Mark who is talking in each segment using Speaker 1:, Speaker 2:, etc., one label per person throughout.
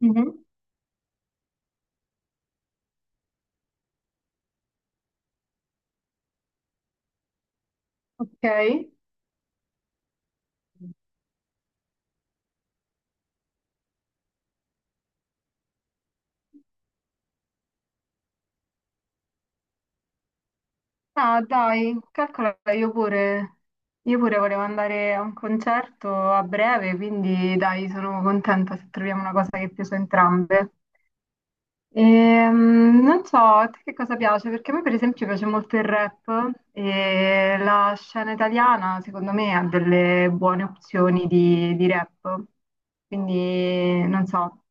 Speaker 1: Mhm. Ok. Ah, dai, calcola, io pure volevo andare a un concerto a breve, quindi dai, sono contenta se troviamo una cosa che piace a entrambe. Non so, a te che cosa piace, perché a me per esempio piace molto il rap e la scena italiana secondo me ha delle buone opzioni di rap, quindi non so.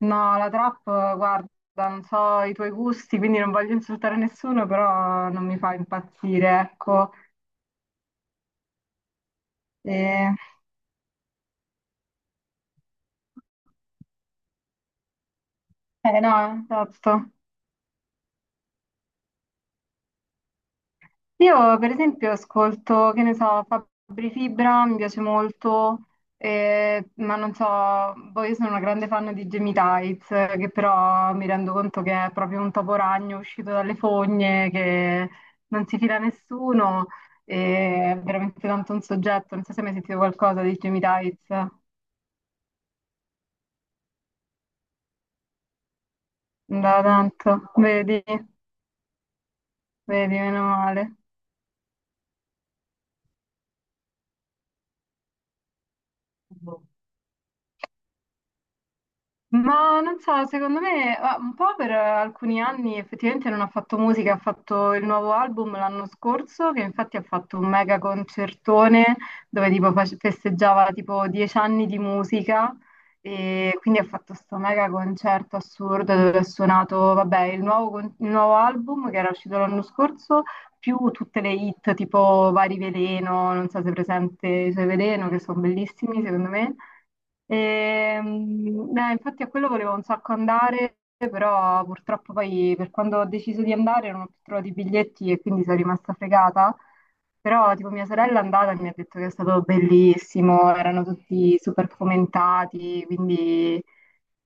Speaker 1: No, la trap, guarda, non so i tuoi gusti, quindi non voglio insultare nessuno, però non mi fa impazzire, ecco. E... Eh no, esatto. Io per esempio ascolto, che ne so, Fabri Fibra, mi piace molto, ma non so, poi io sono una grande fan di Jamie Tights, che però mi rendo conto che è proprio un topo ragno uscito dalle fogne, che non si fila a nessuno, e è veramente tanto un soggetto, non so se hai mai sentito qualcosa di Jamie Tights, da tanto, vedi, vedi, meno male. Ma non so, secondo me, un po' per alcuni anni effettivamente non ha fatto musica, ha fatto il nuovo album l'anno scorso, che infatti ha fatto un mega concertone dove tipo festeggiava tipo 10 anni di musica e quindi ha fatto questo mega concerto assurdo dove ha suonato, vabbè, il nuovo, il nuovo album che era uscito l'anno scorso, più tutte le hit tipo Vari Veleno, non so se è presente i suoi Veleno, che sono bellissimi secondo me. Infatti a quello volevo un sacco andare, però purtroppo poi per quando ho deciso di andare non ho più trovato i biglietti e quindi sono rimasta fregata. Però tipo mia sorella è andata e mi ha detto che è stato bellissimo, erano tutti super fomentati, quindi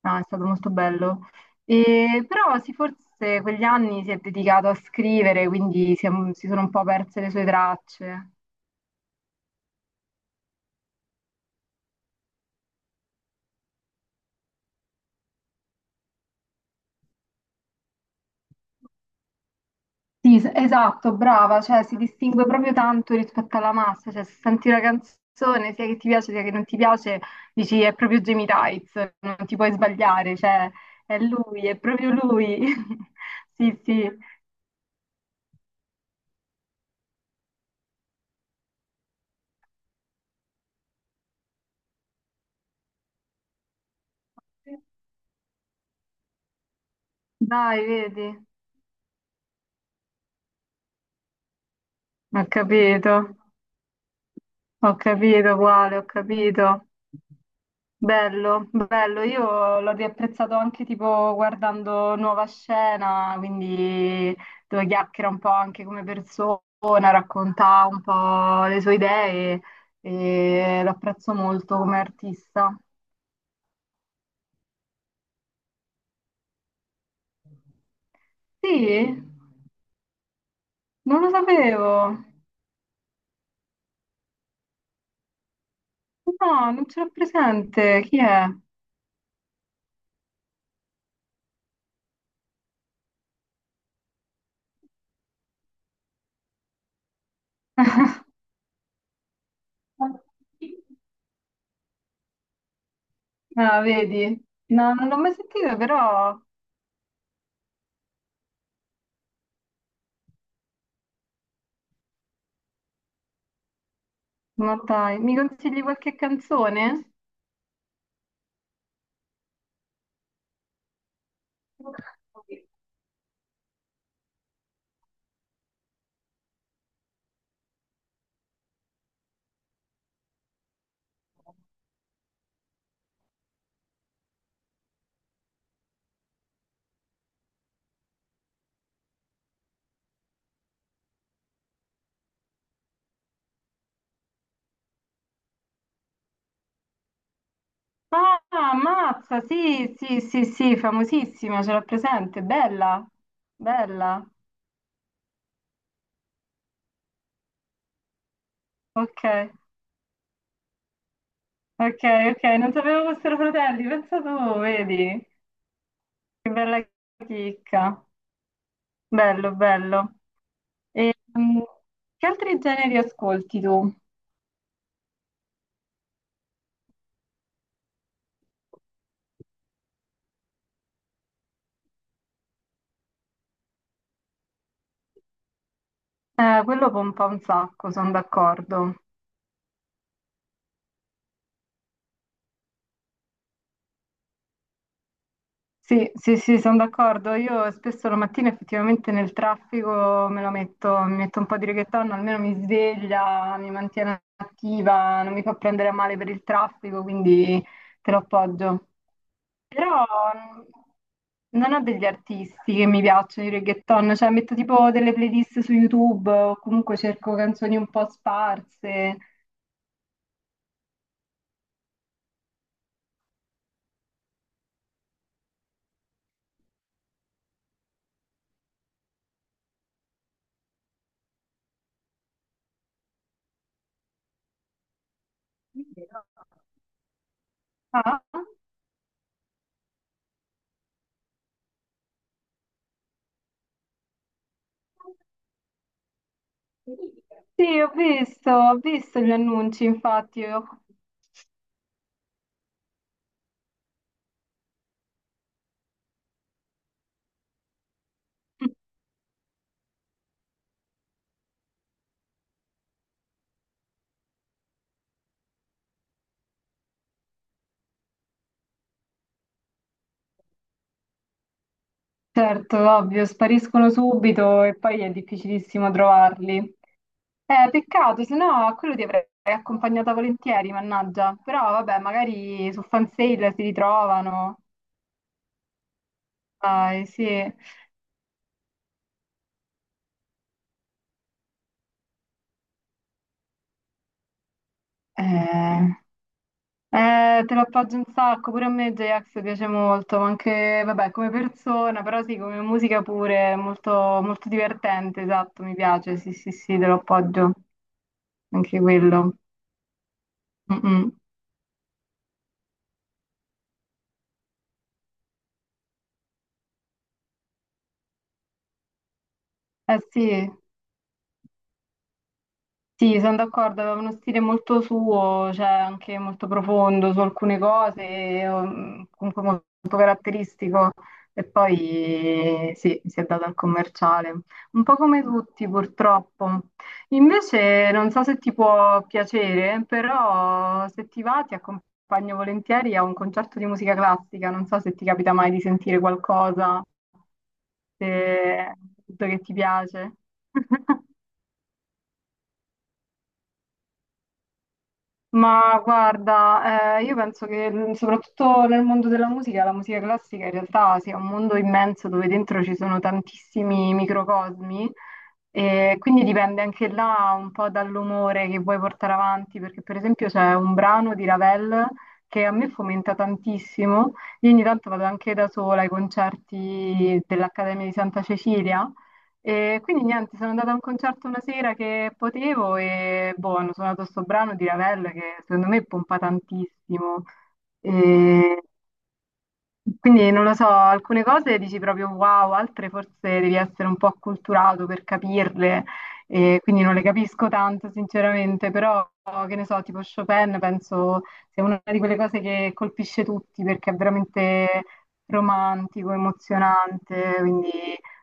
Speaker 1: no, è stato molto bello. E, però sì, forse quegli anni si è dedicato a scrivere, quindi si sono un po' perse le sue tracce. Sì, esatto, brava, cioè si distingue proprio tanto rispetto alla massa, cioè se senti una canzone, sia che ti piace sia che non ti piace, dici è proprio Jamie Tights, non ti puoi sbagliare, cioè è lui, è proprio lui. Sì, sì. Dai, vedi? Ho capito. Ho capito, quale, ho capito. Bello, bello. Io l'ho riapprezzato anche tipo guardando Nuova Scena, quindi dove chiacchiera un po' anche come persona, racconta un po' le sue idee e lo apprezzo molto come artista. Sì, non lo sapevo. No, non ce l'ho presente. Chi è? Ah, vedi? No, non l'ho mai sentito, però ma dai, mi consigli qualche canzone? Ah, ammazza, sì, sì, sì, sì, famosissima, ce l'ho presente, bella, bella, ok, ok, ok, non sapevo fossero fratelli, pensa tu, vedi, che bella chicca, bello, bello. E, che altri generi ascolti tu? Quello pompa un sacco, sono d'accordo. Sì, sì, sì, sono d'accordo. Io spesso la mattina effettivamente nel traffico me lo metto, mi metto un po' di reggaeton, almeno mi sveglia, mi mantiene attiva, non mi fa prendere a male per il traffico, quindi te lo appoggio. Però non ho degli artisti che mi piacciono i reggaeton, cioè metto tipo delle playlist su YouTube o comunque cerco canzoni un po' sparse. Ah? Sì, ho visto gli annunci, infatti. Certo, ovvio, spariscono subito e poi è difficilissimo trovarli. Peccato, se no a quello ti avrei accompagnata volentieri, mannaggia. Però vabbè, magari su Fansale si ritrovano. Dai, sì. Te lo appoggio un sacco, pure a me J-Ax piace molto, ma anche, vabbè, come persona, però sì, come musica pure, è molto, molto divertente, esatto, mi piace, sì, sì, sì, te lo appoggio. Anche quello. Mm, mm. Eh sì, sì, sono d'accordo, aveva uno stile molto suo, cioè anche molto profondo su alcune cose, comunque molto caratteristico e poi sì, si è dato al commerciale, un po' come tutti purtroppo. Invece non so se ti può piacere, però se ti va ti accompagno volentieri a un concerto di musica classica, non so se ti capita mai di sentire qualcosa, se tutto che ti piace. Ma guarda, io penso che soprattutto nel mondo della musica, la musica classica in realtà sia un mondo immenso dove dentro ci sono tantissimi microcosmi e quindi dipende anche là un po' dall'umore che vuoi portare avanti, perché per esempio c'è un brano di Ravel che a me fomenta tantissimo, io ogni tanto vado anche da sola ai concerti dell'Accademia di Santa Cecilia e quindi niente, sono andata a un concerto una sera che potevo e boh, hanno suonato sto brano di Ravel che secondo me pompa tantissimo. E quindi non lo so, alcune cose dici proprio wow, altre forse devi essere un po' acculturato per capirle, e quindi non le capisco tanto sinceramente, però che ne so, tipo Chopin penso sia una di quelle cose che colpisce tutti perché è veramente romantico, emozionante, quindi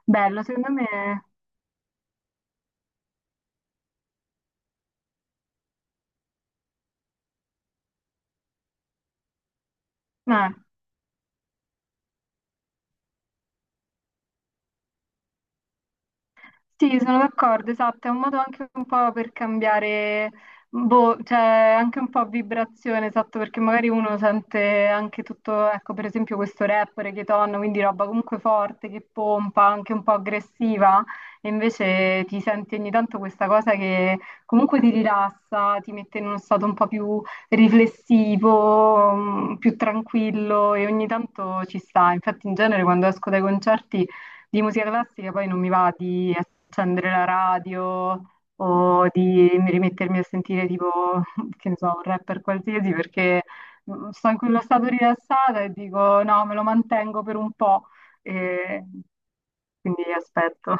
Speaker 1: bello, secondo me. Eh. Sì, sono d'accordo, esatto, è un modo anche un po' per cambiare, boh, cioè anche un po' vibrazione, esatto, perché magari uno sente anche tutto, ecco, per esempio questo rapper, Keton, quindi roba comunque forte, che pompa, anche un po' aggressiva, e invece ti senti ogni tanto questa cosa che comunque ti rilassa, ti mette in uno stato un po' più riflessivo, più tranquillo, e ogni tanto ci sta. Infatti in genere quando esco dai concerti... Di musica classica poi non mi va di accendere la radio o di rimettermi a sentire tipo, che ne so, un rapper qualsiasi perché sto in quello stato rilassata e dico no, me lo mantengo per un po' e quindi aspetto.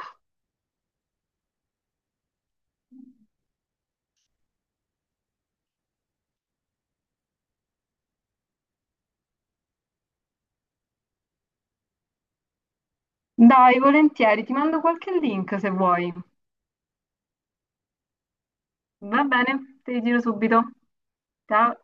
Speaker 1: Dai, volentieri, ti mando qualche link se vuoi. Va bene, ti giro subito. Ciao.